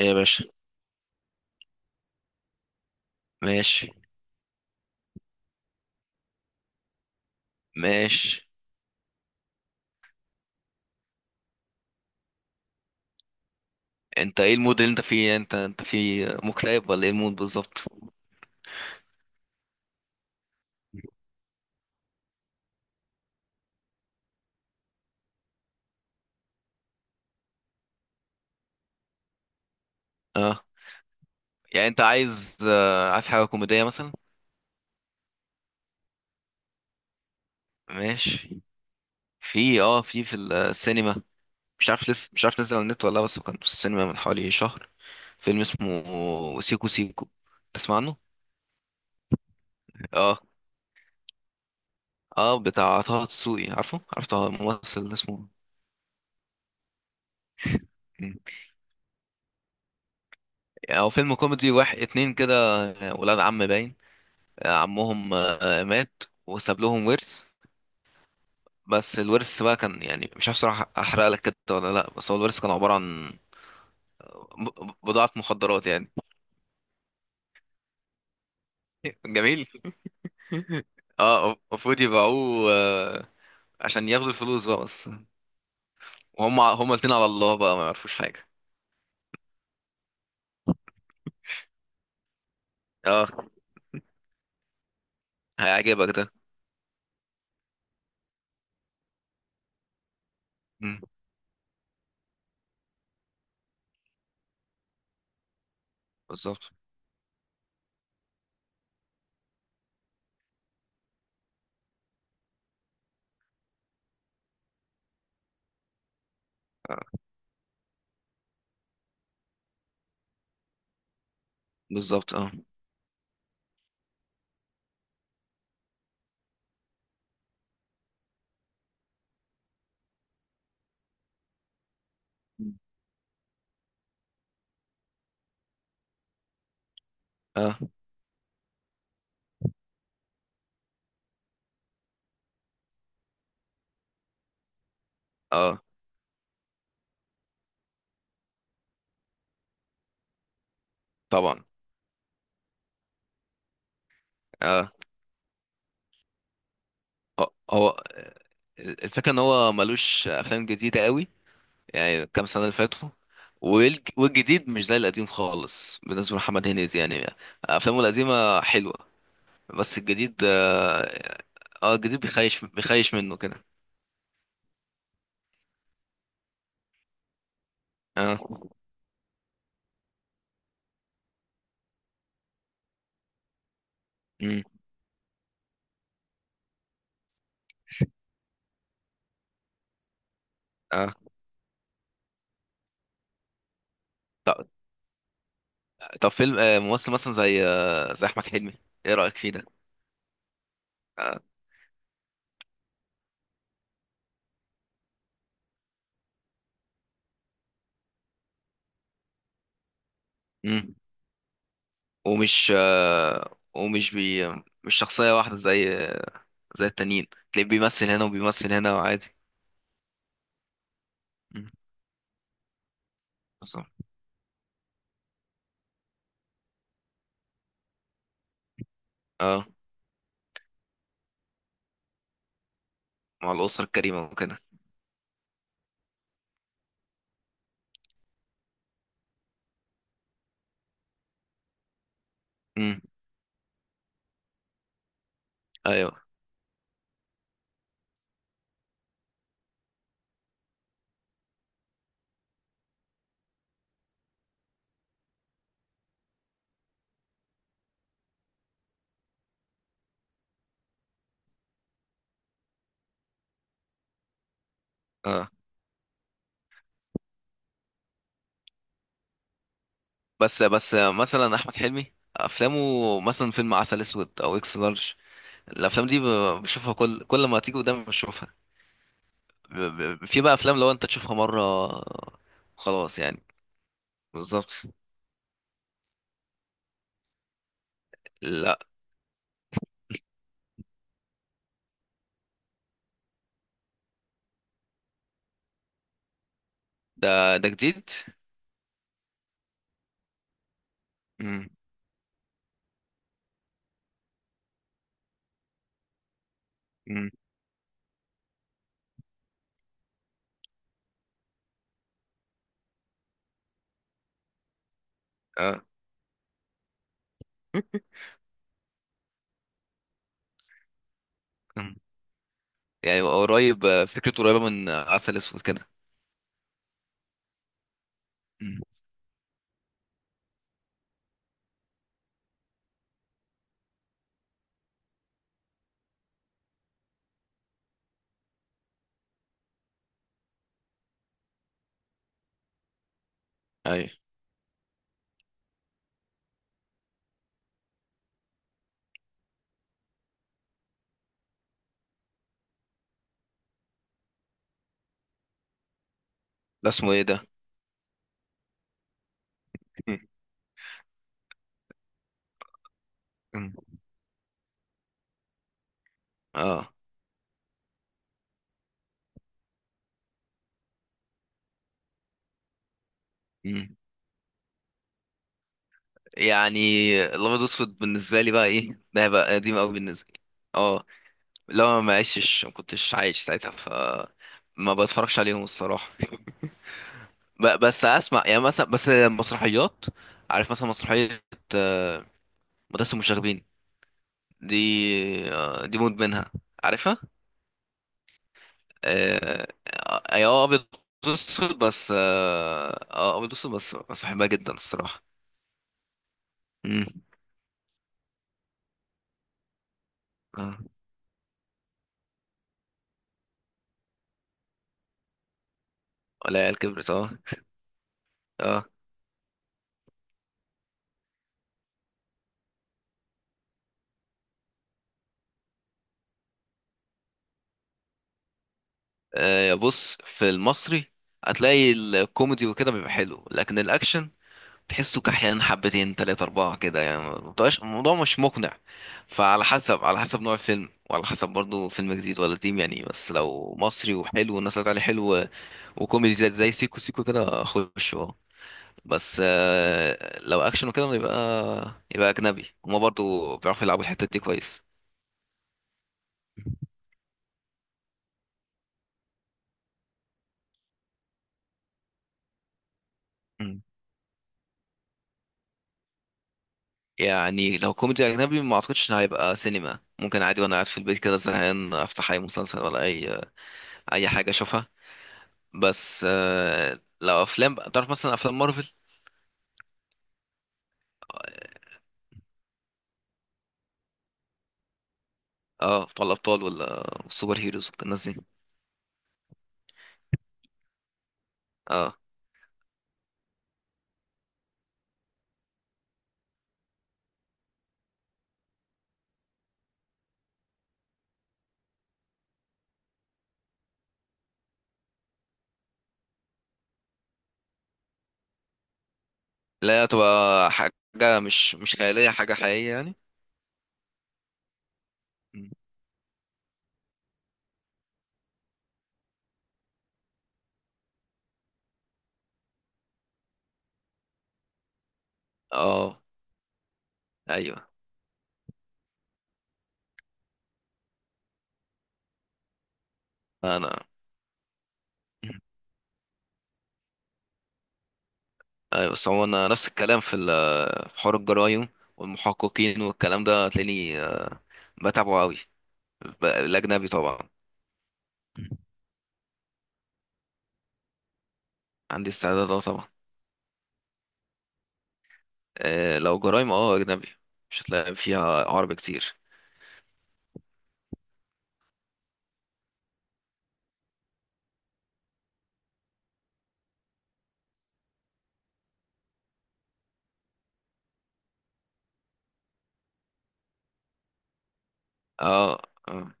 ايه يا باشا. ماشي. ماشي. انت ايه المود اللي انت فيه؟ انت في مكتئب ولا ايه المود بالظبط؟ اه. يعني انت عايز، عايز حاجه كوميديه مثلا؟ ماشي. في، في السينما. مش عارف لسه مش عارف نزل على النت ولا لا، بس هو كان في السينما من حوالي شهر. فيلم اسمه سيكو سيكو، تسمع عنه؟ اه. اه، بتاع طه دسوقي، عارف طه الممثل اسمه؟ مم. يعني هو فيلم كوميدي، واحد اتنين كده، ولاد عم باين. عمهم مات وساب لهم ورث. بس الورث بقى كان، يعني مش عارف صراحة، احرق لك كده ولا لا، بس هو الورث كان عبارة عن بضاعة مخدرات يعني. جميل. اه، المفروض يبيعوه عشان ياخدوا الفلوس بقى. بس هما الاتنين على الله بقى، ما يعرفوش حاجة. اه، هيعجبك ده. مم. بالظبط آه، بالظبط. اه. اه. اه. طبعا. اه. هو الفكرة ان هو ملوش افلام جديدة قوي. يعني كام سنة اللي فاتوا، والجديد مش زي القديم خالص بالنسبة لمحمد هنيدي. يعني أفلامه القديمة حلوة، بس الجديد بيخيش منه كده. اه. امم. اه. طب, طب فيلم، آه ممثل مثلا زي أحمد حلمي، ايه رأيك فيه ده؟ آه. امم ومش آه ومش بي مش شخصية واحدة، زي التانيين. تلاقيه بيمثل هنا وبيمثل هنا وعادي. مم. بالظبط. اه، مع الأسرة الكريمة وكده. امم. ايوه. اه. بس مثلا احمد حلمي، افلامه مثلا فيلم عسل اسود او اكس لارج، الافلام دي بشوفها كل ما تيجي قدامي بشوفها. ب- في بقى افلام لو انت تشوفها مره، خلاص يعني. بالظبط. لا، ده جديد. امم. امم. اه. مم. يعني قريب، فكرته قريبه من عسل اسود كده. امم. ايوه. ده اسمه ايه ده؟ مم. مم. اه. مم. يعني الابيض واسود بالنسبه لي بقى، ايه ده بقى قديم قوي بالنسبه لي. اه، لو ما عشتش، ما كنتش عايش ساعتها، ف ما بتفرجش عليهم الصراحة. بس اسمع، يعني مثلا بس المسرحيات. عارف مثلا مسرحية آه، مدرسة المشاغبين دي؟ دي مود منها. عارفها؟ اي، اه، ابيض واسود، بس بحبها جدا الصراحة. امم. اه. ولا عيال كبرت؟ اه. اه. بص، في المصري هتلاقي الكوميدي وكده بيبقى حلو، لكن الاكشن تحسه كحيان حبتين تلاتة أربعة كده يعني، ما بتبقاش- الموضوع مش مقنع. فعلى حسب نوع الفيلم، وعلى حسب برضو فيلم جديد ولا قديم يعني. بس لو مصري وحلو والناس طلعت عليه حلو، وكوميدي زي سيكو سيكو كده، أخش. بس لو أكشن وكده، يبقى أجنبي، هما برضو بيعرفوا يلعبوا الحتة دي كويس. مم. يعني لو كوميدي أجنبي، ما أعتقدش إن هيبقى سينما. ممكن عادي وأنا قاعد في البيت كده زهقان أفتح أي مسلسل ولا أي حاجة أشوفها. بس لو افلام بقى، تعرف مثلا افلام مارفل؟ اه، بتوع الابطال ولا السوبر هيروز والناس دي. اه، لا، تبقى حاجه مش خياليه، حاجه حقيقيه يعني. مم. اه. ايوه. انا. مم. ايوه، بس هو انا نفس الكلام في حوار الجرايم والمحققين والكلام ده، هتلاقيني بتابعه قوي، الاجنبي طبعا. عندي استعداد، اه طبعا. لو جرايم، اجنبي، مش هتلاقي فيها عربي كتير. اه آه،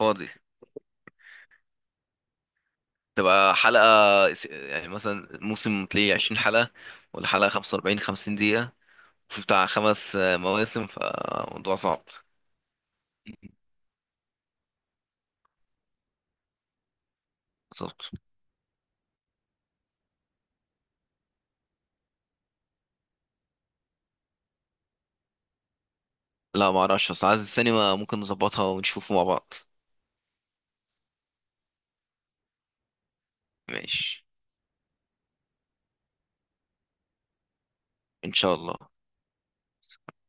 فاضي. تبقى حلقة، يعني مثلا موسم تلاقيه 20 حلقة، ولا حلقة 45، 50 دقيقة، في بتاع 5 مواسم، فموضوع صعب. بالظبط. لا ما اعرفش، بس عايز السينما ممكن نظبطها ونشوفه مع بعض. ماشي. ان شاء الله.